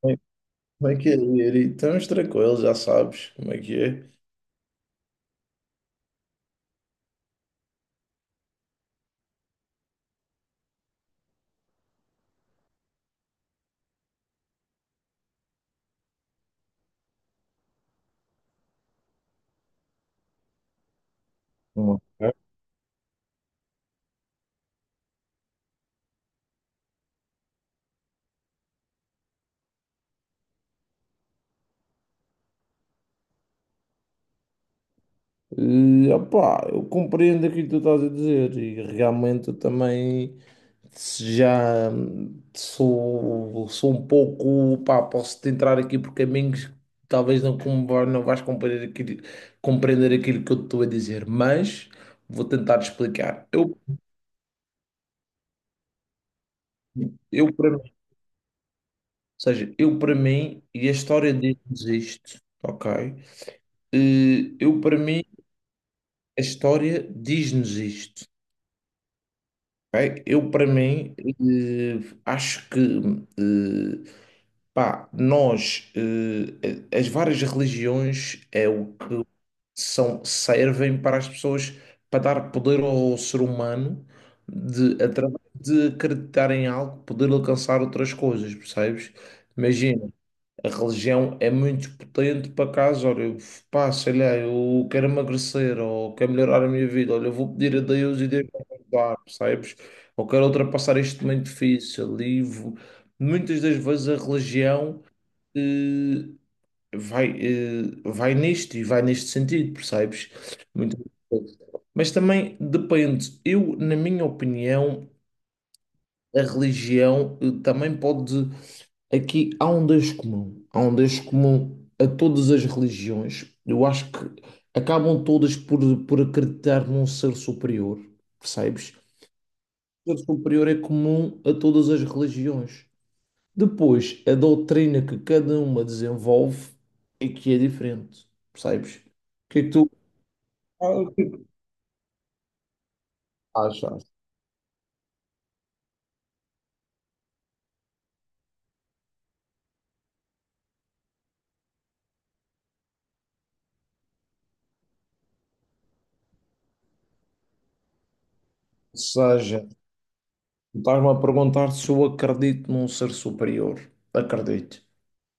Como é como é que é, ele? Então, uns tranquilos, já sabes como é que é. Hum. E opá, eu compreendo aquilo que tu estás a dizer e realmente eu também se já sou um pouco, pá, posso-te entrar aqui por caminhos que talvez não, com- não vais compreender aquilo que eu te estou a dizer, mas vou tentar explicar. Eu para mim, ou seja, eu para mim, e a história diz-nos isto, ok? Eh, Eu para mim A história diz-nos isto. Ok? Eu, para mim, acho que eh, pá, nós, as várias religiões é o que são, servem para as pessoas para dar poder ao ser humano de, através de acreditar em algo, poder alcançar outras coisas, percebes? Imagina. A religião é muito potente para caso, olha, eu, pá, sei lá, eu quero emagrecer ou quero melhorar a minha vida, olha, eu vou pedir a Deus e Deus vai me ajudar, percebes? Ou quero ultrapassar este momento difícil. Livro muitas das vezes a religião eh, vai, vai nisto e vai neste sentido, percebes? Muitas vezes. Mas também depende, eu, na minha opinião, a religião também pode. Aqui há um Deus comum, há um Deus comum a todas as religiões. Eu acho que acabam todas por acreditar num ser superior, percebes? O ser superior é comum a todas as religiões. Depois, a doutrina que cada uma desenvolve é que é diferente, percebes? O que é que tu ah, o que é que tu achas? Ou seja, tu estás-me a perguntar se eu acredito num ser superior. Acredito.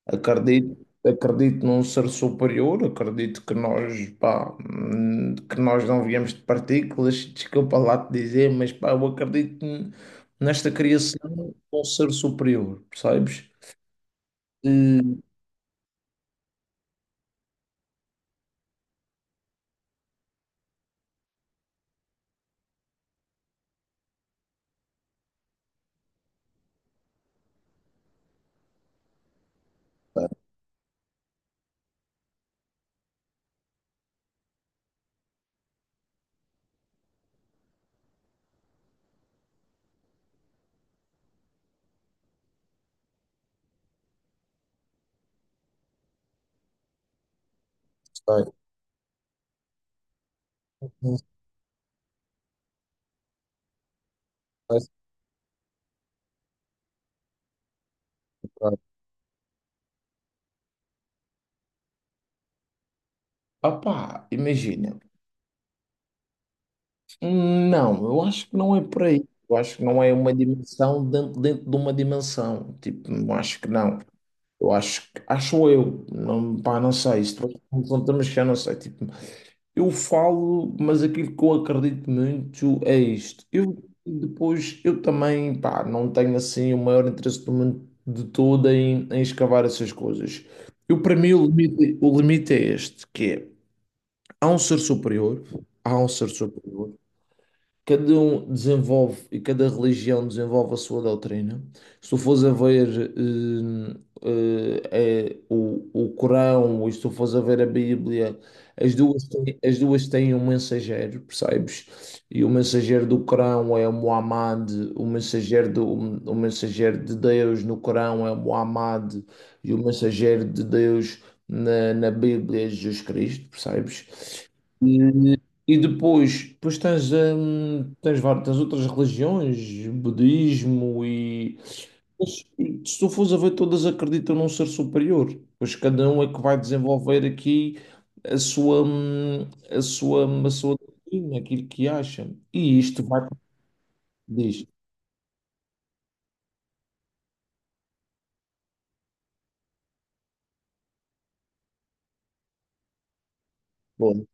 Acredito num ser superior, acredito que nós, pá, que nós não viemos de partículas, desculpa lá te dizer, mas pá, nesta criação de um ser superior, percebes? Não sei, não sei se vai. Ah, pá, imagina, não, eu acho que não é por aí, eu acho que não é uma dimensão dentro, dentro de uma dimensão, tipo, eu acho que não. Eu acho, que- acho eu, não, pá, não sei, se tu me perguntas, eu não sei, tipo. Eu falo, mas aquilo que eu acredito muito é isto. Eu depois, eu também, pá, não tenho assim o maior interesse do mundo de todo em, em escavar essas coisas. Eu, para mim, o limite é este, que é, há um ser superior, há um ser superior. Cada um desenvolve e cada religião desenvolve a sua doutrina. Se tu fores a ver é o Corão, ou se tu fores a ver a Bíblia, as duas têm um mensageiro, percebes? E o mensageiro do Corão é Muhammad, o mensageiro, do, o mensageiro de Deus no Corão é Muhammad, e o mensageiro de Deus na, na Bíblia é Jesus Cristo, percebes? E depois, depois tens, tens outras religiões, budismo e. Mas, se tu fores a ver, todas acreditam num ser superior, pois cada um é que vai desenvolver aqui a sua, a sua, a sua doutrina, aquilo que acha. E isto vai. Diz, bom,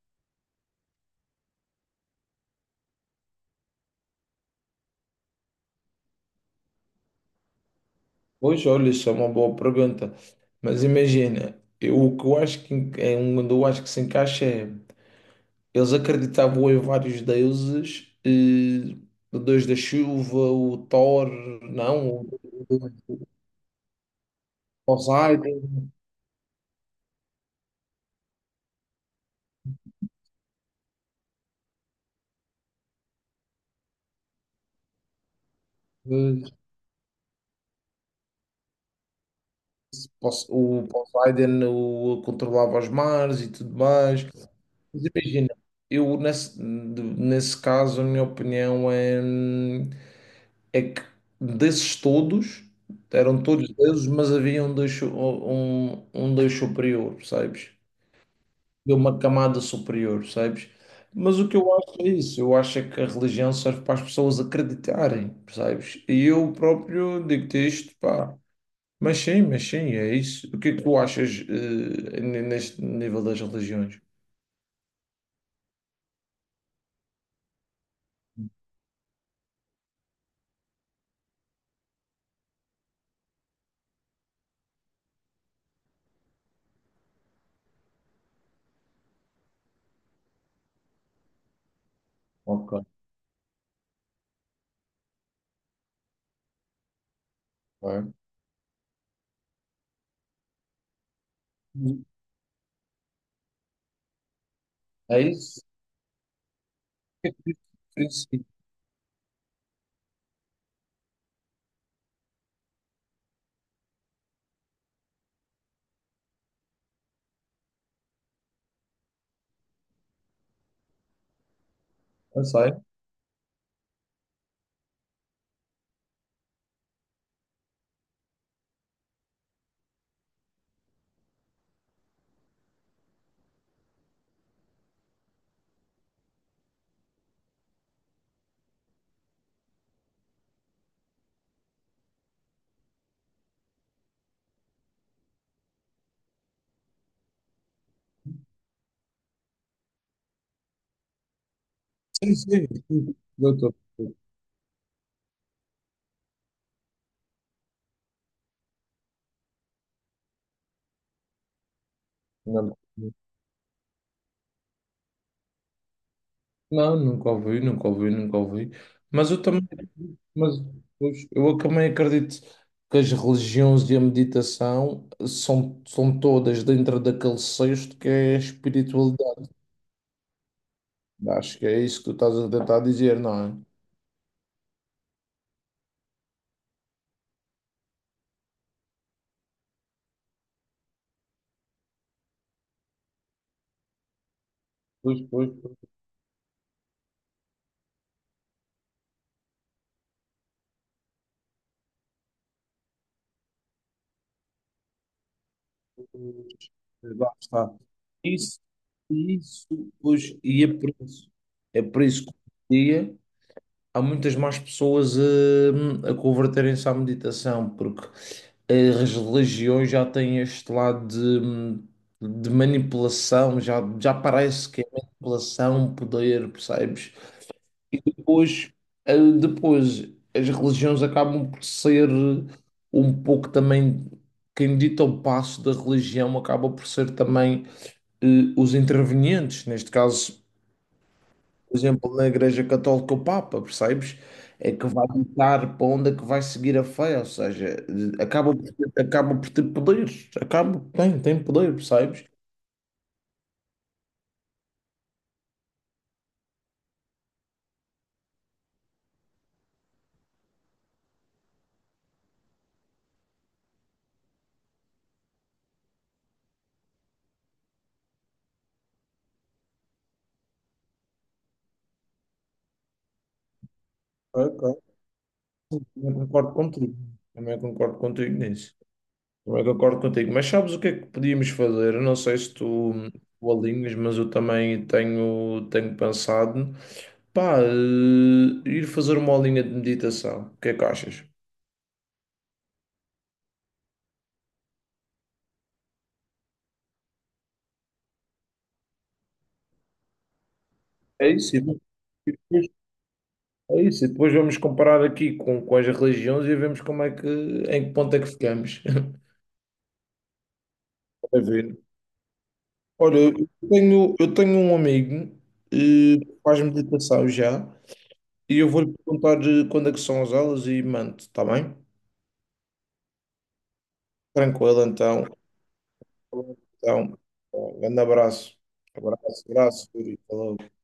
pois olha, isso é uma boa pergunta, mas imagina, eu, o que eu acho que en- é um onde eu acho que se encaixa é. Eles acreditavam em vários deuses, o deus da chuva, o Thor, não, o Poseidon, eh, o Poseidon o, controlava os mares e tudo mais. Mas imagina, eu nesse caso, a minha opinião é, é que desses todos, eram todos deuses, mas havia um, um deus superior, percebes? De uma camada superior, sabes? Mas o que eu acho é isso, eu acho é que a religião serve para as pessoas acreditarem, percebes? E eu próprio digo-te isto, pá. Mas sim, é isso. O que é que tu achas, neste nível das religiões? Ok, é. É isso? É isso. Tu. Sim. Eu sei. Sim, sim, sim. Eu estou. Não. Não, nunca ouvi, nunca ouvi, nunca ouvi. Mas eu também. Mas pois, eu também acredito que as religiões e a meditação são todas dentro daquele cesto que é a espiritualidade. Acho que é isso que tu estás a tentar dizer, não é? Pois, pois, pois, pois, lá está. Isso, isso, pois, e é por isso que hoje em dia há muitas mais pessoas a converterem-se à meditação, porque as religiões já têm este lado hum, de manipulação, já, já parece que é manipulação, poder, percebes? Depois, depois as religiões acabam por ser um pouco também, quem dita o passo da religião acaba por ser também eh, os intervenientes, neste caso por exemplo, na Igreja Católica o Papa, percebes? É que vai ditar para onde é que vai seguir a fé, ou seja, acaba por ter poderes, acaba, tem, tem poder, percebes? Ok, ok. Também concordo contigo, também concordo contigo nisso, também concordo contigo, mas sabes o que é que podíamos fazer? Eu não sei se tu, tu alinhas, mas eu também tenho, tenho pensado, pá, ir fazer uma aulinha de meditação, o que é que achas? É isso. É isso, e depois vamos comparar aqui com as religiões e vemos como é que, em que ponto é que ficamos. A ver. Olha, eu tenho um amigo que faz meditação já e eu vou-lhe perguntar quando é que são as aulas e mando, está bem? Tranquilo, então. Então, um grande abraço. Abraço, abraço, Yuri. Falou.